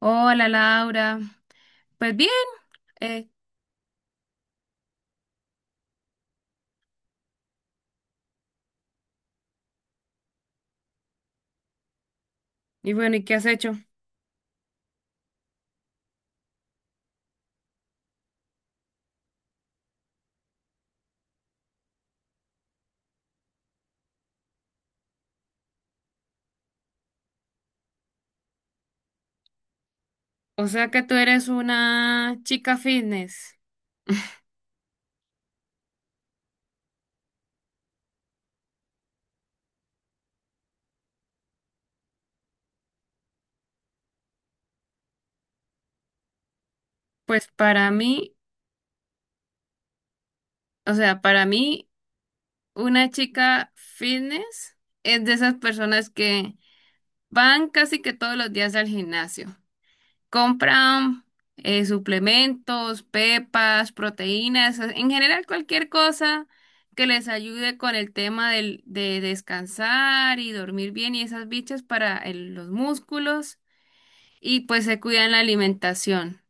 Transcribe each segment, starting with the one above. Hola Laura, pues bien, eh, y bueno, ¿y qué has hecho? O sea que tú eres una chica fitness. Pues para mí, o sea, para mí, una chica fitness es de esas personas que van casi que todos los días al gimnasio. Compran suplementos, pepas, proteínas, en general cualquier cosa que les ayude con el tema de descansar y dormir bien y esas bichas para los músculos y pues se cuidan la alimentación.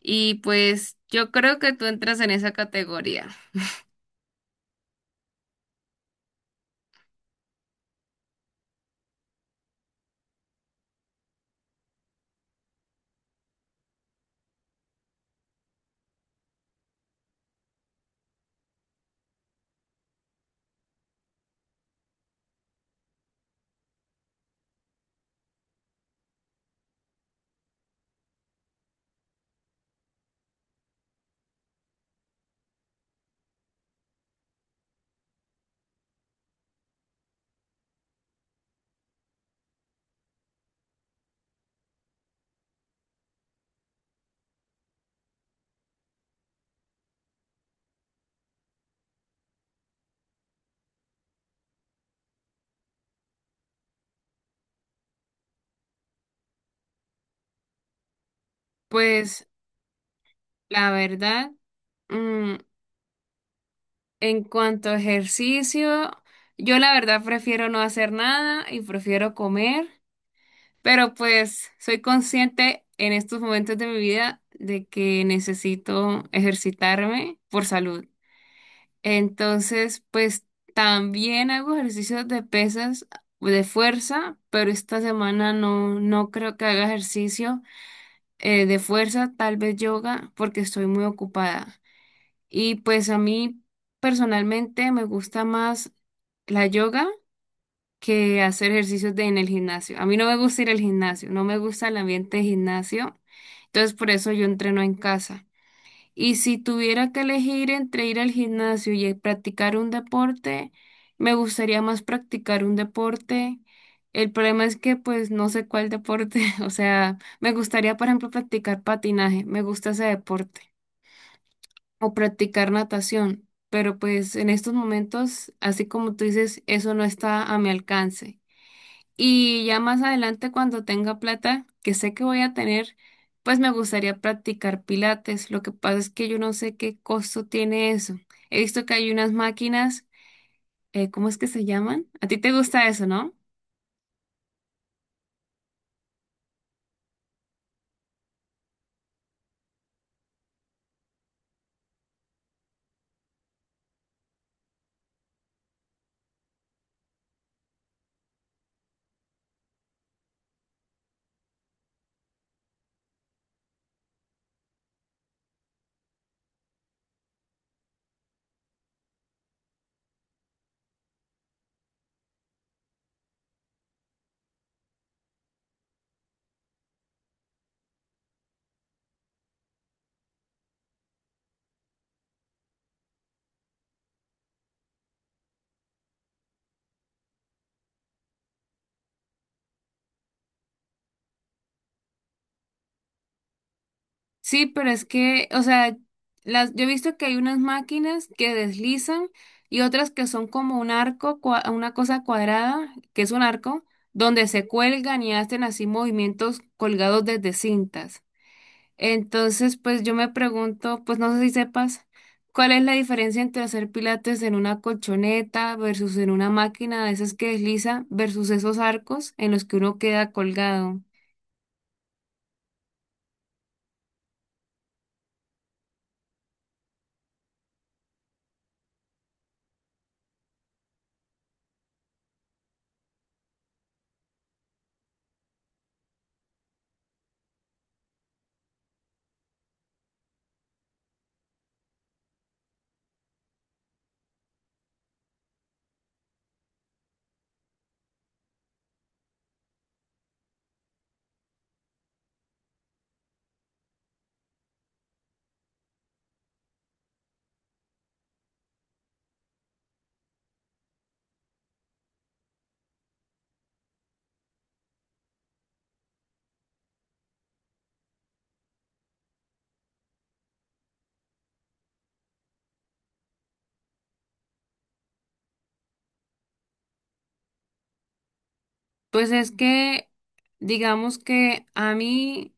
Y pues yo creo que tú entras en esa categoría. Pues la verdad, mm, en cuanto a ejercicio, yo la verdad prefiero no hacer nada y prefiero comer. Pero pues soy consciente en estos momentos de mi vida de que necesito ejercitarme por salud. Entonces, pues también hago ejercicios de pesas, de fuerza, pero esta semana no, no creo que haga ejercicio de fuerza, tal vez yoga, porque estoy muy ocupada. Y pues a mí personalmente me gusta más la yoga que hacer ejercicios en el gimnasio. A mí no me gusta ir al gimnasio, no me gusta el ambiente de gimnasio, entonces por eso yo entreno en casa. Y si tuviera que elegir entre ir al gimnasio y practicar un deporte, me gustaría más practicar un deporte. El problema es que pues no sé cuál deporte, o sea, me gustaría por ejemplo practicar patinaje, me gusta ese deporte, o practicar natación, pero pues en estos momentos, así como tú dices, eso no está a mi alcance. Y ya más adelante, cuando tenga plata, que sé que voy a tener, pues me gustaría practicar pilates. Lo que pasa es que yo no sé qué costo tiene eso. He visto que hay unas máquinas, ¿cómo es que se llaman? A ti te gusta eso, ¿no? Sí, pero es que, o sea, las, yo he visto que hay unas máquinas que deslizan y otras que son como un arco, una cosa cuadrada, que es un arco, donde se cuelgan y hacen así movimientos colgados desde cintas. Entonces, pues yo me pregunto, pues no sé si sepas, ¿cuál es la diferencia entre hacer pilates en una colchoneta versus en una máquina de esas que desliza versus esos arcos en los que uno queda colgado? Pues es que, digamos que a mí...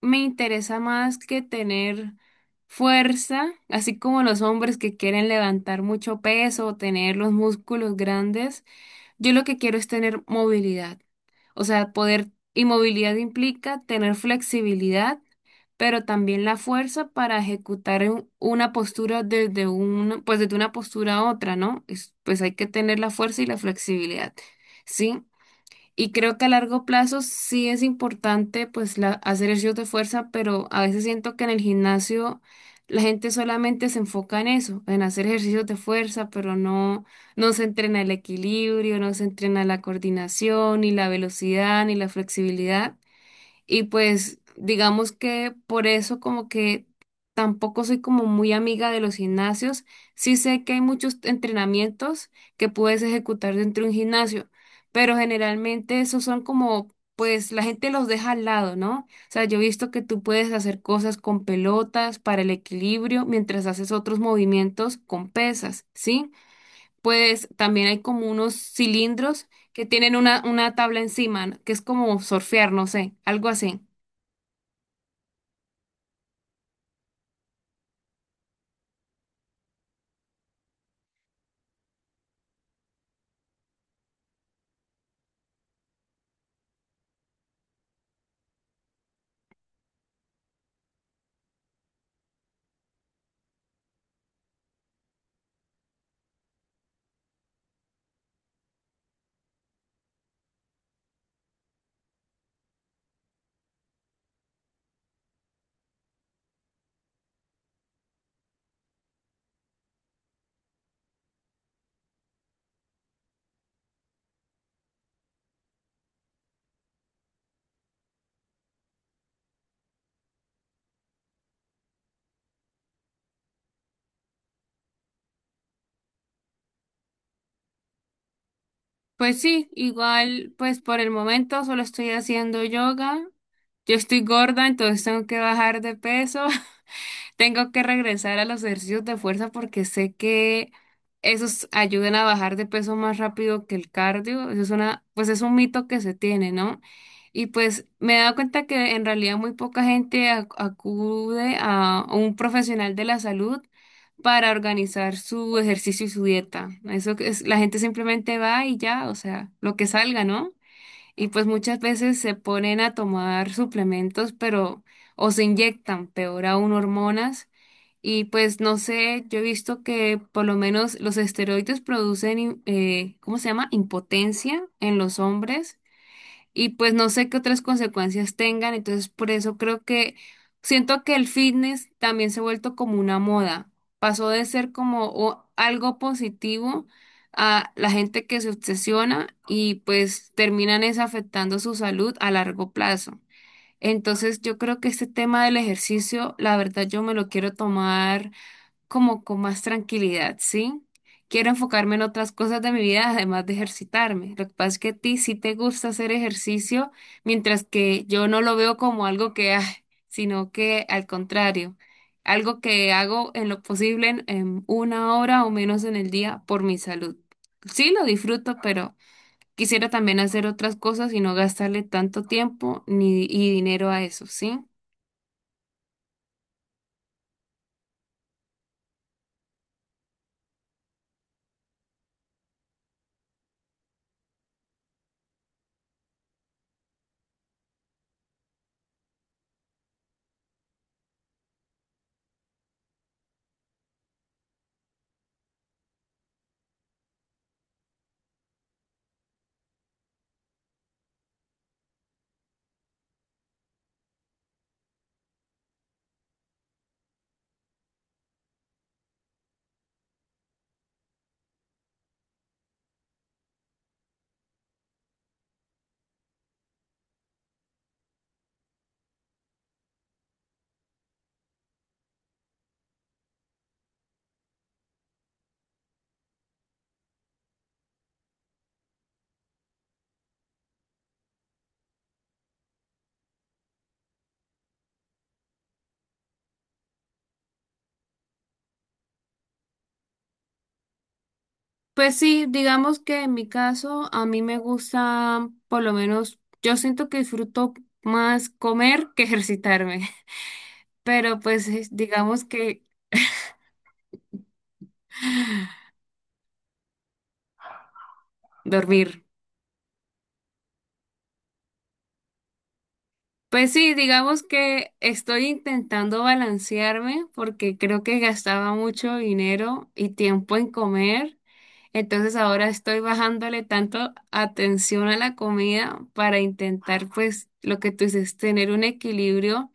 me interesa más que tener fuerza, así como los hombres que quieren levantar mucho peso o tener los músculos grandes. Yo lo que quiero es tener movilidad. O sea, poder y movilidad implica tener flexibilidad, pero también la fuerza para ejecutar una postura desde una, pues desde una postura a otra, ¿no? Es- pues hay que tener la fuerza y la flexibilidad. ¿Sí? Y creo que a largo plazo sí es importante pues la, hacer ejercicios de fuerza, pero a veces siento que en el gimnasio la gente solamente se enfoca en eso, en hacer ejercicios de fuerza, pero no, no se entrena el equilibrio, no se entrena la coordinación, ni la velocidad, ni la flexibilidad. Y pues digamos que por eso como que tampoco soy como muy amiga de los gimnasios. Sí sé que hay muchos entrenamientos que puedes ejecutar dentro de un gimnasio, pero generalmente esos son como, pues la gente los deja al lado, ¿no? O sea, yo he visto que tú puedes hacer cosas con pelotas para el equilibrio mientras haces otros movimientos con pesas, ¿sí? Pues también hay como unos cilindros que tienen una tabla encima, que es como surfear, no sé, algo así. Pues sí, igual, pues por el momento solo estoy haciendo yoga. Yo estoy gorda, entonces tengo que bajar de peso. Tengo que regresar a los ejercicios de fuerza porque sé que esos ayudan a bajar de peso más rápido que el cardio. Eso es una, pues es un mito que se tiene, ¿no? Y pues me he dado cuenta que en realidad muy poca gente acude a un profesional de la salud para organizar su ejercicio y su dieta. Eso que es, la gente simplemente va y ya, o sea, lo que salga, ¿no? Y pues muchas veces se ponen a tomar suplementos, pero o se inyectan, peor aún, hormonas. Y pues no sé, yo he visto que por lo menos los esteroides producen, ¿cómo se llama? Impotencia en los hombres y pues no sé qué otras consecuencias tengan, entonces por eso creo que siento que el fitness también se ha vuelto como una moda, pasó de ser como algo positivo a la gente que se obsesiona y pues terminan es afectando su salud a largo plazo. Entonces yo creo que este tema del ejercicio, la verdad yo me lo quiero tomar como con más tranquilidad, ¿sí? Quiero enfocarme en otras cosas de mi vida, además de ejercitarme. Lo que pasa es que a ti sí te gusta hacer ejercicio, mientras que yo no lo veo como algo que, ah, sino que al contrario, algo que hago en lo posible en una hora o menos en el día por mi salud. Sí, lo disfruto, pero quisiera también hacer otras cosas y no gastarle tanto tiempo ni, y dinero a eso, ¿sí? Pues sí, digamos que en mi caso a mí me gusta, por lo menos yo siento que disfruto más comer que ejercitarme, pero pues es- digamos que dormir. Pues sí, digamos que estoy intentando balancearme porque creo que gastaba mucho dinero y tiempo en comer, entonces ahora estoy bajándole tanto atención a la comida para intentar pues lo que tú dices, tener un equilibrio.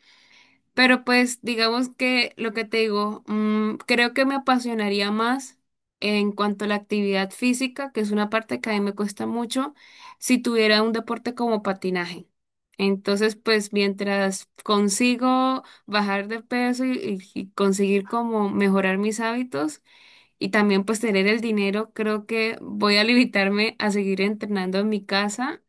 Pero pues digamos que lo que te digo, creo que me apasionaría más en cuanto a la actividad física, que es una parte que a mí me cuesta mucho, si tuviera un deporte como patinaje. Entonces, pues mientras consigo bajar de peso y, y conseguir como mejorar mis hábitos y también pues tener el dinero, creo que voy a limitarme a seguir entrenando en mi casa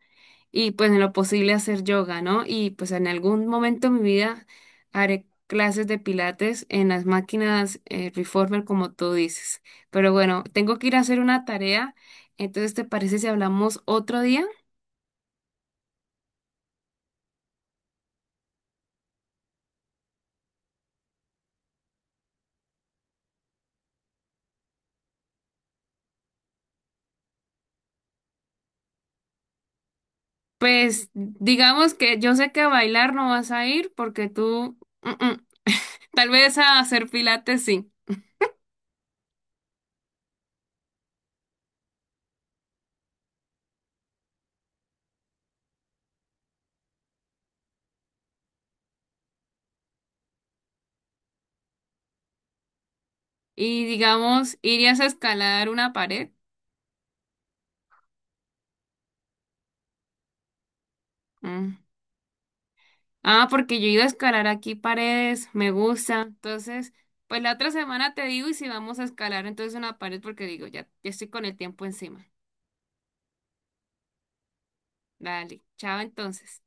y pues en lo posible hacer yoga, ¿no? Y pues en algún momento de mi vida haré clases de pilates en las máquinas reformer, como tú dices. Pero bueno, tengo que ir a hacer una tarea, entonces ¿te parece si hablamos otro día? Pues digamos que yo sé que a bailar no vas a ir porque tú, mm, mm. Tal vez a hacer pilates sí. Y digamos, ¿irías a escalar una pared? Mm. Ah, porque yo he ido a escalar aquí paredes, me gusta. Entonces, pues la otra semana te digo y si vamos a escalar entonces una pared porque digo, ya, ya estoy con el tiempo encima. Dale, chao entonces.